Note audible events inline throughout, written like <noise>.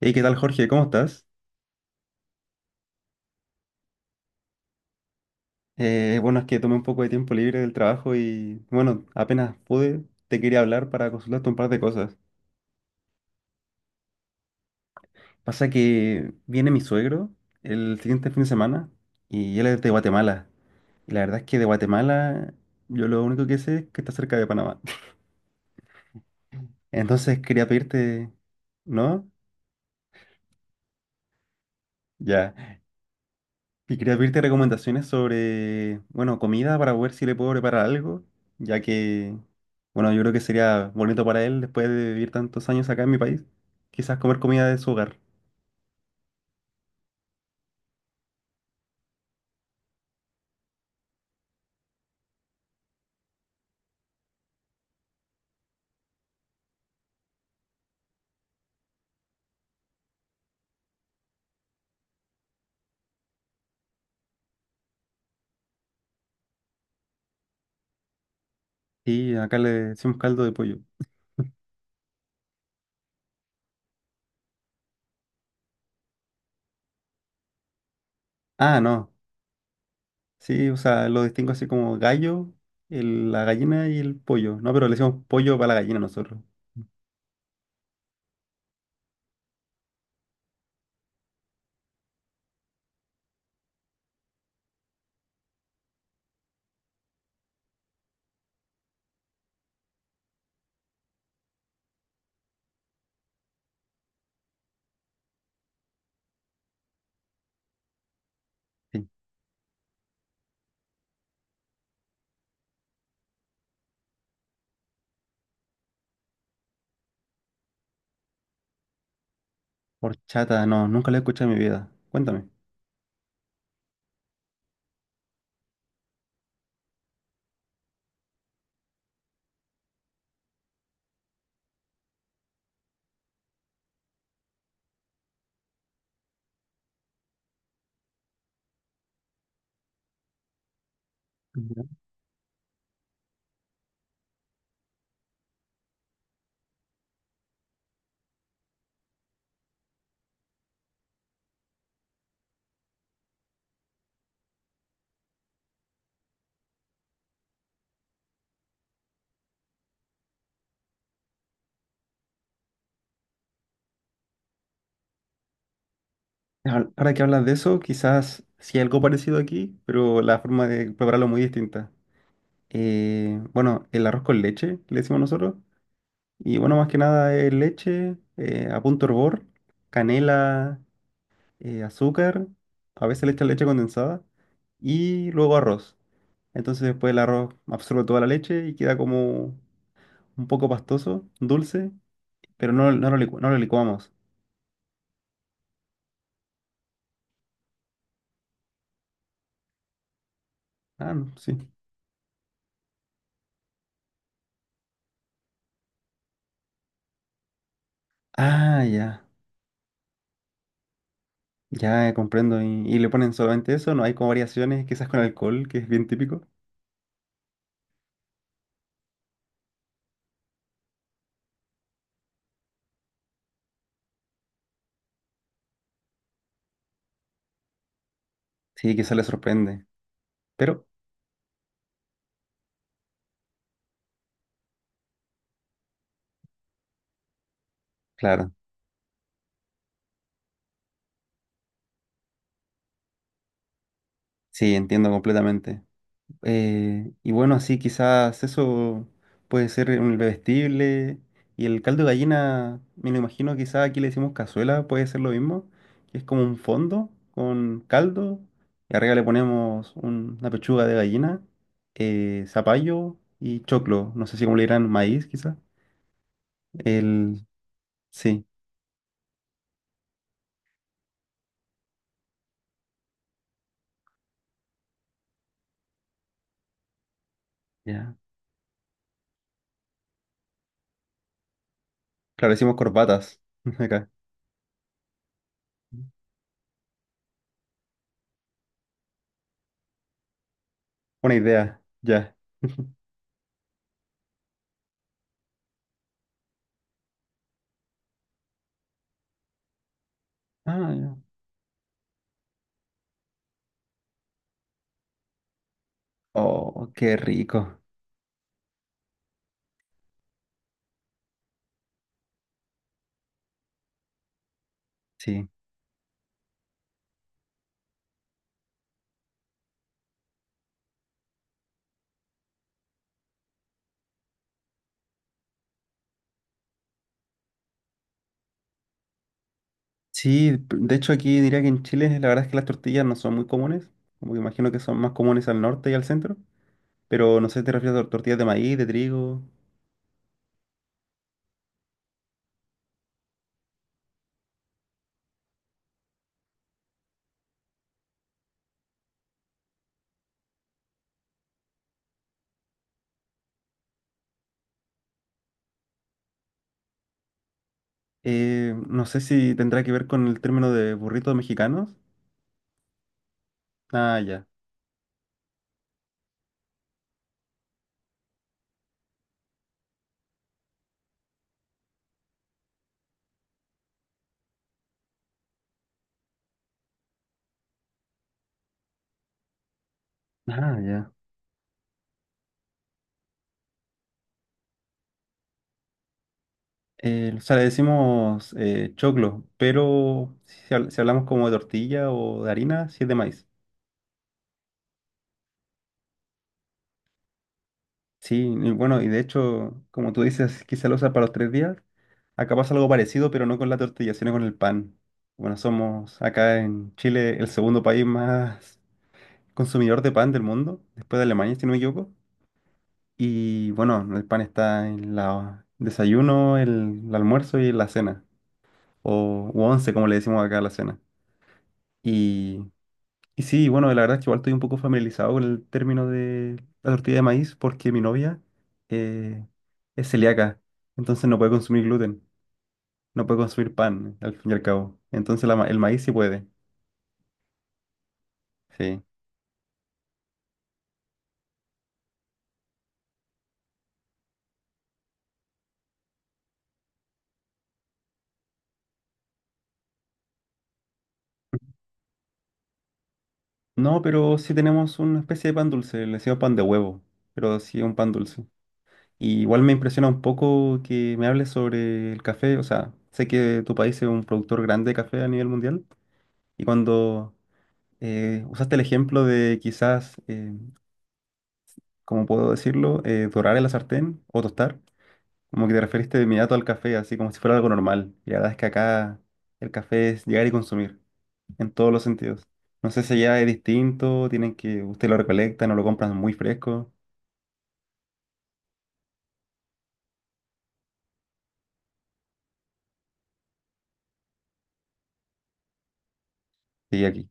Hey, ¿qué tal, Jorge? ¿Cómo estás? Bueno, es que tomé un poco de tiempo libre del trabajo y, bueno, apenas pude, te quería hablar para consultarte un par de cosas. Pasa que viene mi suegro el siguiente fin de semana y él es de Guatemala. Y la verdad es que de Guatemala yo lo único que sé es que está cerca de Panamá. <laughs> Entonces quería pedirte, ¿no? Ya. Y quería pedirte recomendaciones sobre, bueno, comida para ver si le puedo preparar algo, ya que, bueno, yo creo que sería bonito para él después de vivir tantos años acá en mi país, quizás comer comida de su hogar. Y acá le decimos caldo de pollo. Ah, no. Sí, o sea, lo distingo así como gallo, la gallina y el pollo. No, pero le decimos pollo para la gallina nosotros. Sí. Horchata, no, nunca lo he escuchado en mi vida. Cuéntame. Ahora que hablas de eso, quizás sí hay algo parecido aquí, pero la forma de prepararlo es muy distinta. Bueno, el arroz con leche, le decimos nosotros. Y bueno, más que nada es leche, a punto hervor, canela, azúcar, a veces le echan leche condensada y luego arroz. Entonces después el arroz absorbe toda la leche y queda como un poco pastoso, dulce, pero no, no lo licuamos. Ah, no, sí. Ah, ya. Ya comprendo. Y le ponen solamente eso? ¿No hay como variaciones, quizás con alcohol, que es bien típico? Sí, quizás le sorprende. Pero, claro, sí, entiendo completamente. Y bueno, sí, quizás eso puede ser un bebestible. Y el caldo de gallina, me lo imagino, quizás aquí le decimos cazuela, puede ser lo mismo, que es como un fondo con caldo. Y arriba le ponemos una pechuga de gallina, zapallo y choclo. No sé si como le dirán maíz, quizás. El, sí. Ya. Claro, decimos corbatas. <laughs> Acá. Una idea. Ya. Ah, ya. Oh, qué rico. Sí. Sí, p- de hecho aquí diría que en Chile la verdad es que las tortillas no son muy comunes. Como que imagino que son más comunes al norte y al centro. Pero no sé si te refieres a tortillas de maíz, de trigo. No sé si tendrá que ver con el término de burritos mexicanos. Ah, ya. Ah, ya. O sea, le decimos choclo, pero si, si hablamos como de tortilla o de harina, sí es de maíz. Sí, y bueno, y de hecho, como tú dices, quizá lo usas para los tres días. Acá pasa algo parecido, pero no con la tortilla, sino con el pan. Bueno, somos acá en Chile el segundo país más consumidor de pan del mundo, después de Alemania, si no me equivoco. Y bueno, el pan está en la desayuno, el almuerzo y la cena, o u once, como le decimos acá a la cena. Y y sí, bueno, la verdad es que igual estoy un poco familiarizado con el término de la tortilla de maíz porque mi novia eh, es celíaca, entonces no puede consumir gluten, no puede consumir pan, al fin y al cabo. Entonces el maíz sí puede, sí. No, pero sí tenemos una especie de pan dulce, le decimos pan de huevo, pero sí es un pan dulce. Y igual me impresiona un poco que me hables sobre el café, o sea, sé que tu país es un productor grande de café a nivel mundial y cuando usaste el ejemplo de quizás, ¿cómo puedo decirlo? Dorar en la sartén o tostar. Como que te referiste de inmediato al café, así como si fuera algo normal. Y la verdad es que acá el café es llegar y consumir, en todos los sentidos. No sé si allá es distinto, tienen que, usted lo recolecta, no lo compran muy fresco, y aquí.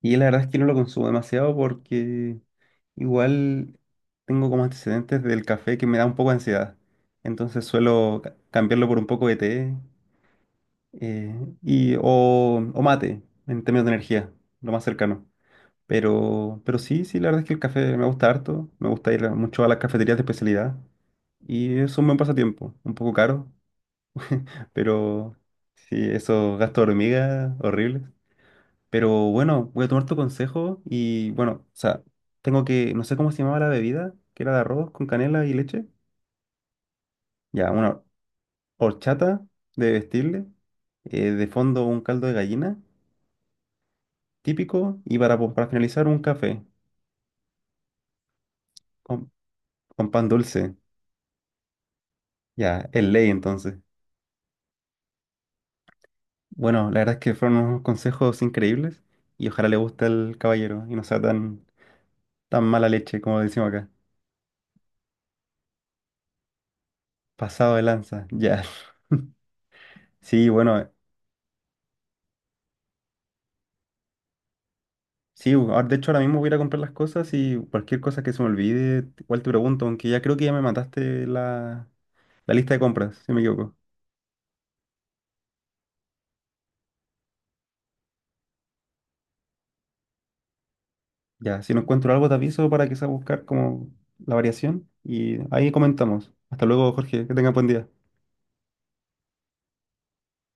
Y la verdad es que no lo consumo demasiado porque igual tengo como antecedentes del café que me da un poco de ansiedad. Entonces suelo cambiarlo por un poco de té eh, y, o mate en términos de energía, lo más cercano. Pero sí, sí, la verdad es que el café me gusta harto. Me gusta mucho a las cafeterías de especialidad. Y es un buen pasatiempo. Un poco caro, <laughs> pero sí, esos gastos de hormiga horribles. Pero bueno, voy a tomar tu consejo y bueno, o sea, tengo que, no sé cómo se llamaba la bebida, que era de arroz con canela y leche. Ya, una horchata de vestirle, de fondo un caldo de gallina, típico, y para finalizar un café con, con pan dulce. Ya, es ley entonces. Bueno, la verdad es que fueron unos consejos increíbles y ojalá le guste al caballero y no sea tan, tan mala leche como decimos acá. Pasado de lanza, ya. <laughs> Sí, bueno, sí, de hecho ahora mismo voy a ir a comprar las cosas y cualquier cosa que se me olvide, igual te pregunto, aunque ya creo que ya me mataste la lista de compras, si no me equivoco. Ya, si no encuentro algo te aviso para que sea buscar como la variación y ahí comentamos. Hasta luego, Jorge, que tengas buen día.